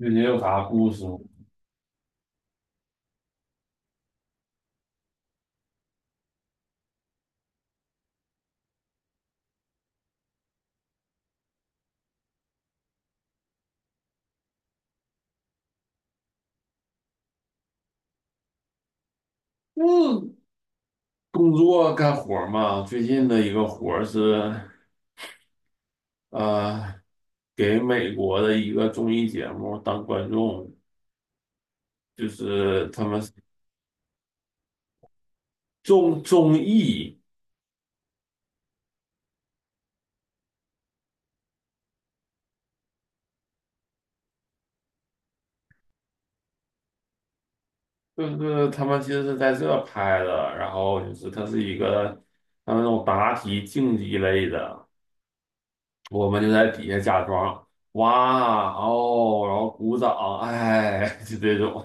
最近有啥故事吗？嗯，工作干活儿嘛，最近的一个活儿是，呃，给美国的一个综艺节目当观众，就是他们综艺，就是他们其实是在这拍的，然后就是它是一个他们那种答题竞技类的，我们就在底下假装哇哦，然后鼓掌，哎，就这种。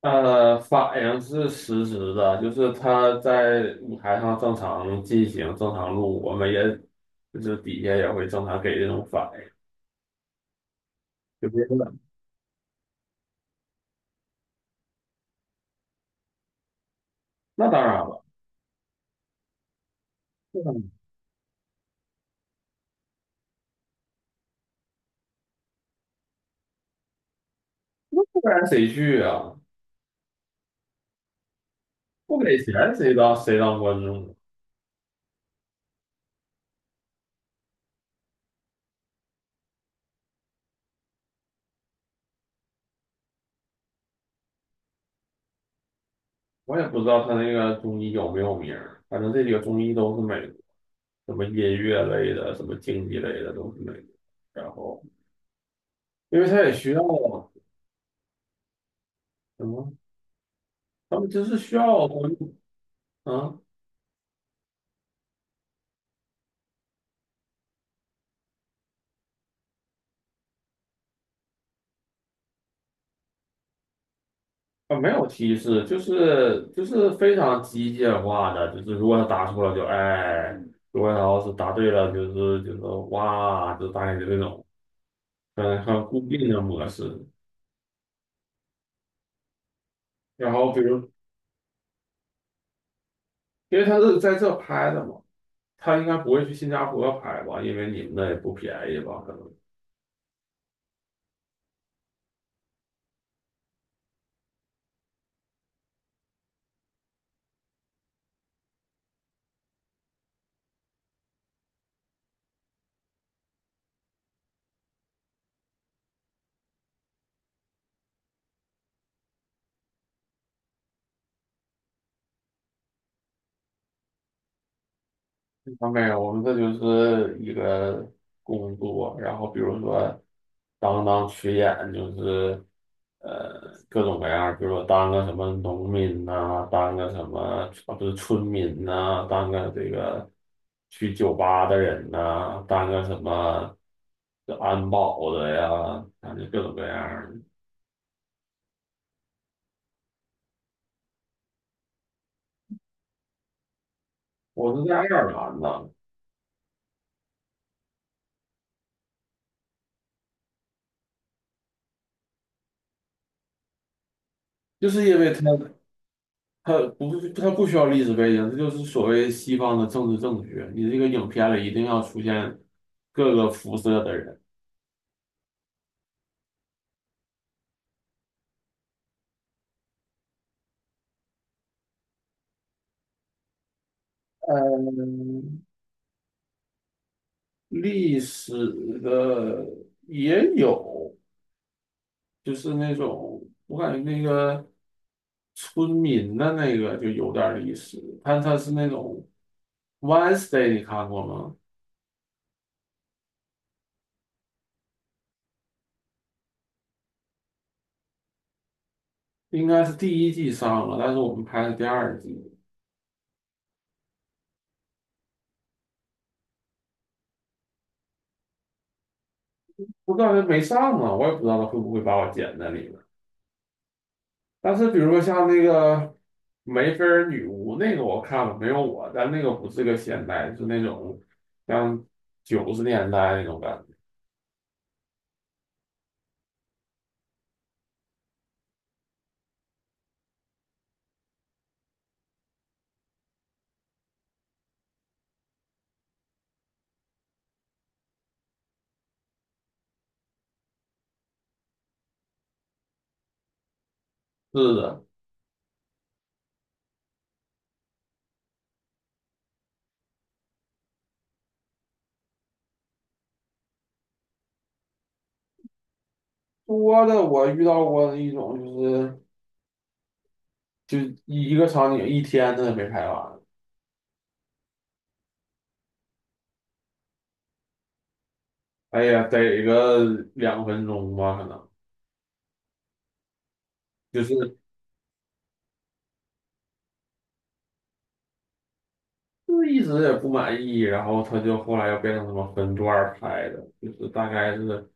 反应是实时的，就是他在舞台上正常进行、正常录，我们也就是底下也会正常给这种反应，就别说了，那当然了，那当然不然谁去啊？不给钱谁当观众？我也不知道他那个综艺有没有名儿，反正这几个综艺都是美国什么音乐类的、什么竞技类的都是美国。然后，因为他也需要什么，他们就是需要观众啊。啊，没有提示，就是非常机械化的，就是如果他答错了就哎，如果他要是答对了就是哇，就大概就这种，嗯，很固定的模式。然后比如因为他是在这拍的嘛，他应该不会去新加坡拍吧，因为你们那也不便宜吧，可能。啊，没有，我们这就是一个工作，然后比如说当群演，就是呃各种各样儿比如说当个什么农民呐、当个什么啊不是村民呐、当个这个去酒吧的人呐、当个什么这安保的呀，反正各种各样儿的。我是在爱尔兰呢，就是因为他。它不需要历史背景，这就是所谓西方的政治正确。你这个影片里一定要出现各个肤色的人，历史的也有，就是那种我感觉那个村民的那个就有点历史，但它是那种 Wednesday,你看过吗？应该是第一季上了，但是我们拍的第二季，我感觉没上啊，我也不知道他会不会把我剪在里面。但是比如说像那个梅菲尔女巫那个我看了没有我，但那个不是个现代，是那种像90年代那种感觉。是的，多的我遇到过的一种就是就一个场景一天他都没拍完，哎呀，得个2分钟吧，可能就是一直也不满意，然后他就后来又变成什么分段儿拍的，就是大概是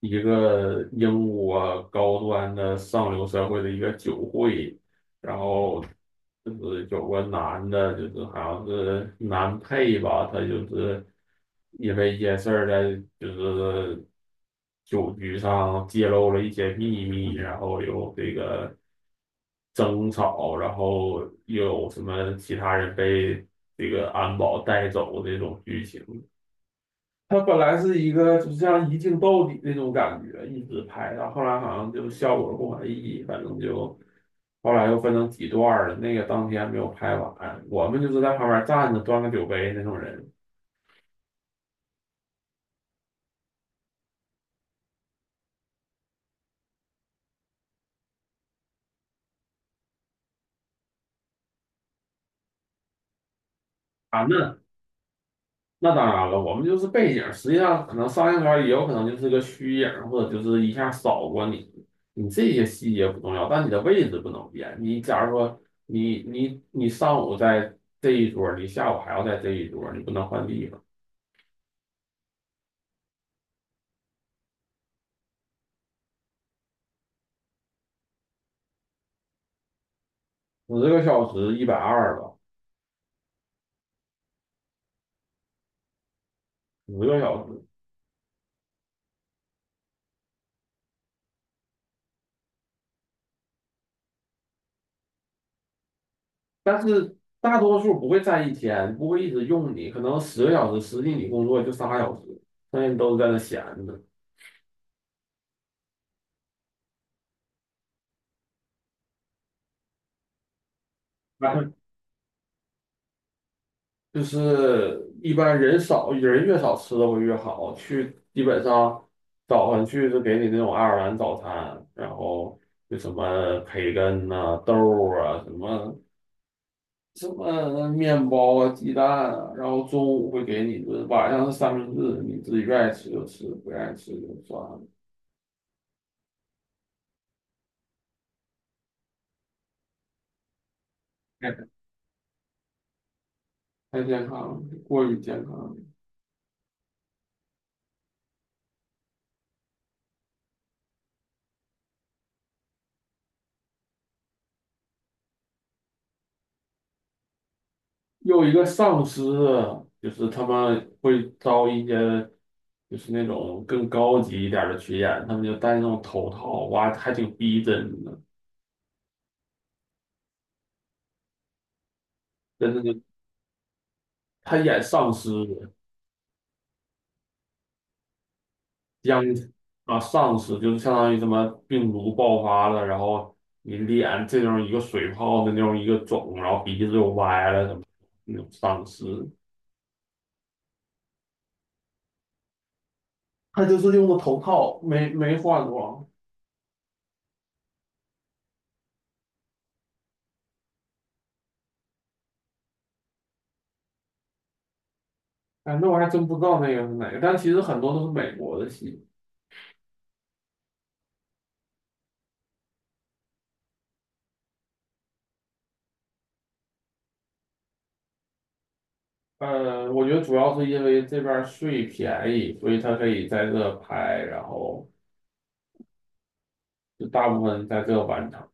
一个英国高端的上流社会的一个酒会，然后就是有个男的，就是好像是男配吧，他就是因为一件事儿在就是酒局上揭露了一些秘密，然后有这个争吵，然后又有什么其他人被这个安保带走这种剧情。他本来是一个就是像一镜到底那种感觉，一直拍，然后后来好像就效果不满意，反正就后来又分成几段了。那个当天没有拍完，我们就是在旁边站着端个酒杯那种人啊。那当然了，我们就是背景，实际上可能上映圈也有可能就是个虚影，或者就是一下扫过你。你这些细节不重要，但你的位置不能变。你假如说你上午在这一桌，你下午还要在这一桌，你不能换地方。10个小时120吧，十个小时。但是大多数不会占一天，不会一直用你，可能十个小时，实际你工作就仨小时，剩下你都是在那闲着。就是一般人少，人越少吃的会越好。去基本上早上去就给你那种爱尔兰早餐，然后就什么培根呐、啊豆啊、什么什么面包啊、鸡蛋啊，然后中午会给你一顿，晚上是三明治，你自己愿意吃就吃，不愿意吃就算了。太太健康了，过于健康了。又一个丧尸啊就是他们会招一些，就是那种更高级一点儿的群演，他们就戴那种头套，哇，还挺逼真的，真的就他演丧尸，殃啊丧尸就是相当于什么病毒爆发了，然后你脸这种一个水泡的那种一个肿，然后鼻子又歪了什么那种丧尸，他就是用的头套，没换装。哎，那我还真不知道那个是哪个，但其实很多都是美国的戏。我觉得主要是因为这边儿税便宜，所以他可以在这拍，然后就大部分在这完成。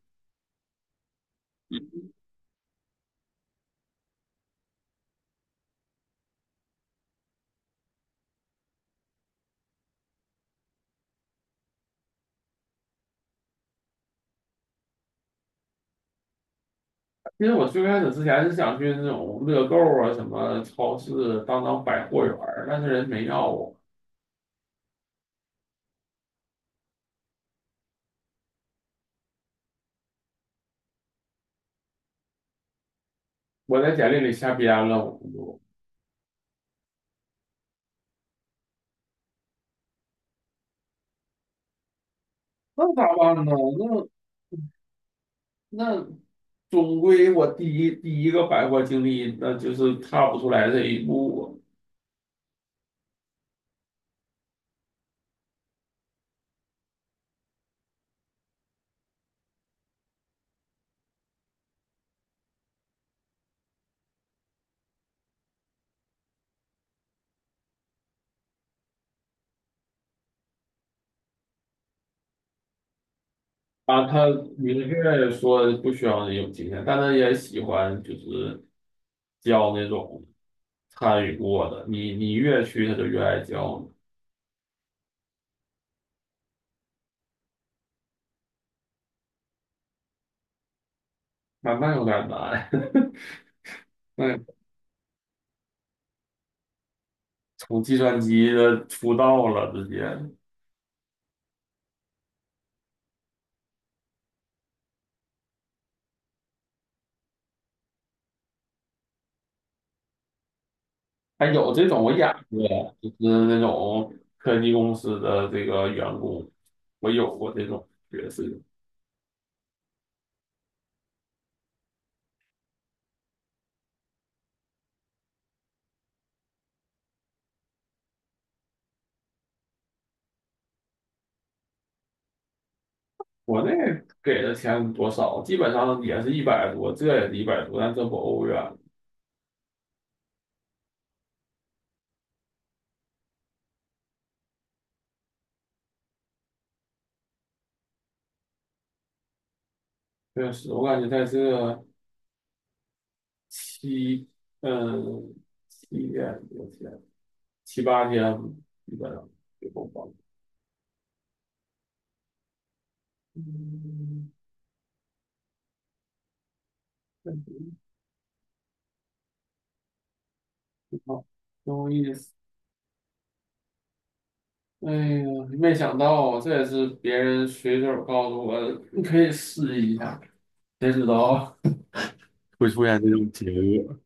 其实我最开始之前是想去那种乐购啊、什么超市、当百货员儿，但是人没要我，我在简历里瞎编了，我就那咋办呢？那总归我第一个百货经历，那就是踏不出来这一步啊。啊他明确说不需要人有经验，但他也喜欢就是教那种参与过的，你越去他就越爱教你，慢慢有点难。那从计算机的出道了，直接还有这种我演过，就是那种科技公司的这个员工，我有过这种角色。国内给的钱多少，基本上也是一百多，这也是一百多，但这不欧元。确实，我感觉在这七嗯七天多天7、8天，基本上就够花了。嗯，挺好，挺有意思。哎呀，没想到啊，这也是别人随手告诉我的，你可以试一下，谁知道会出现这种结果。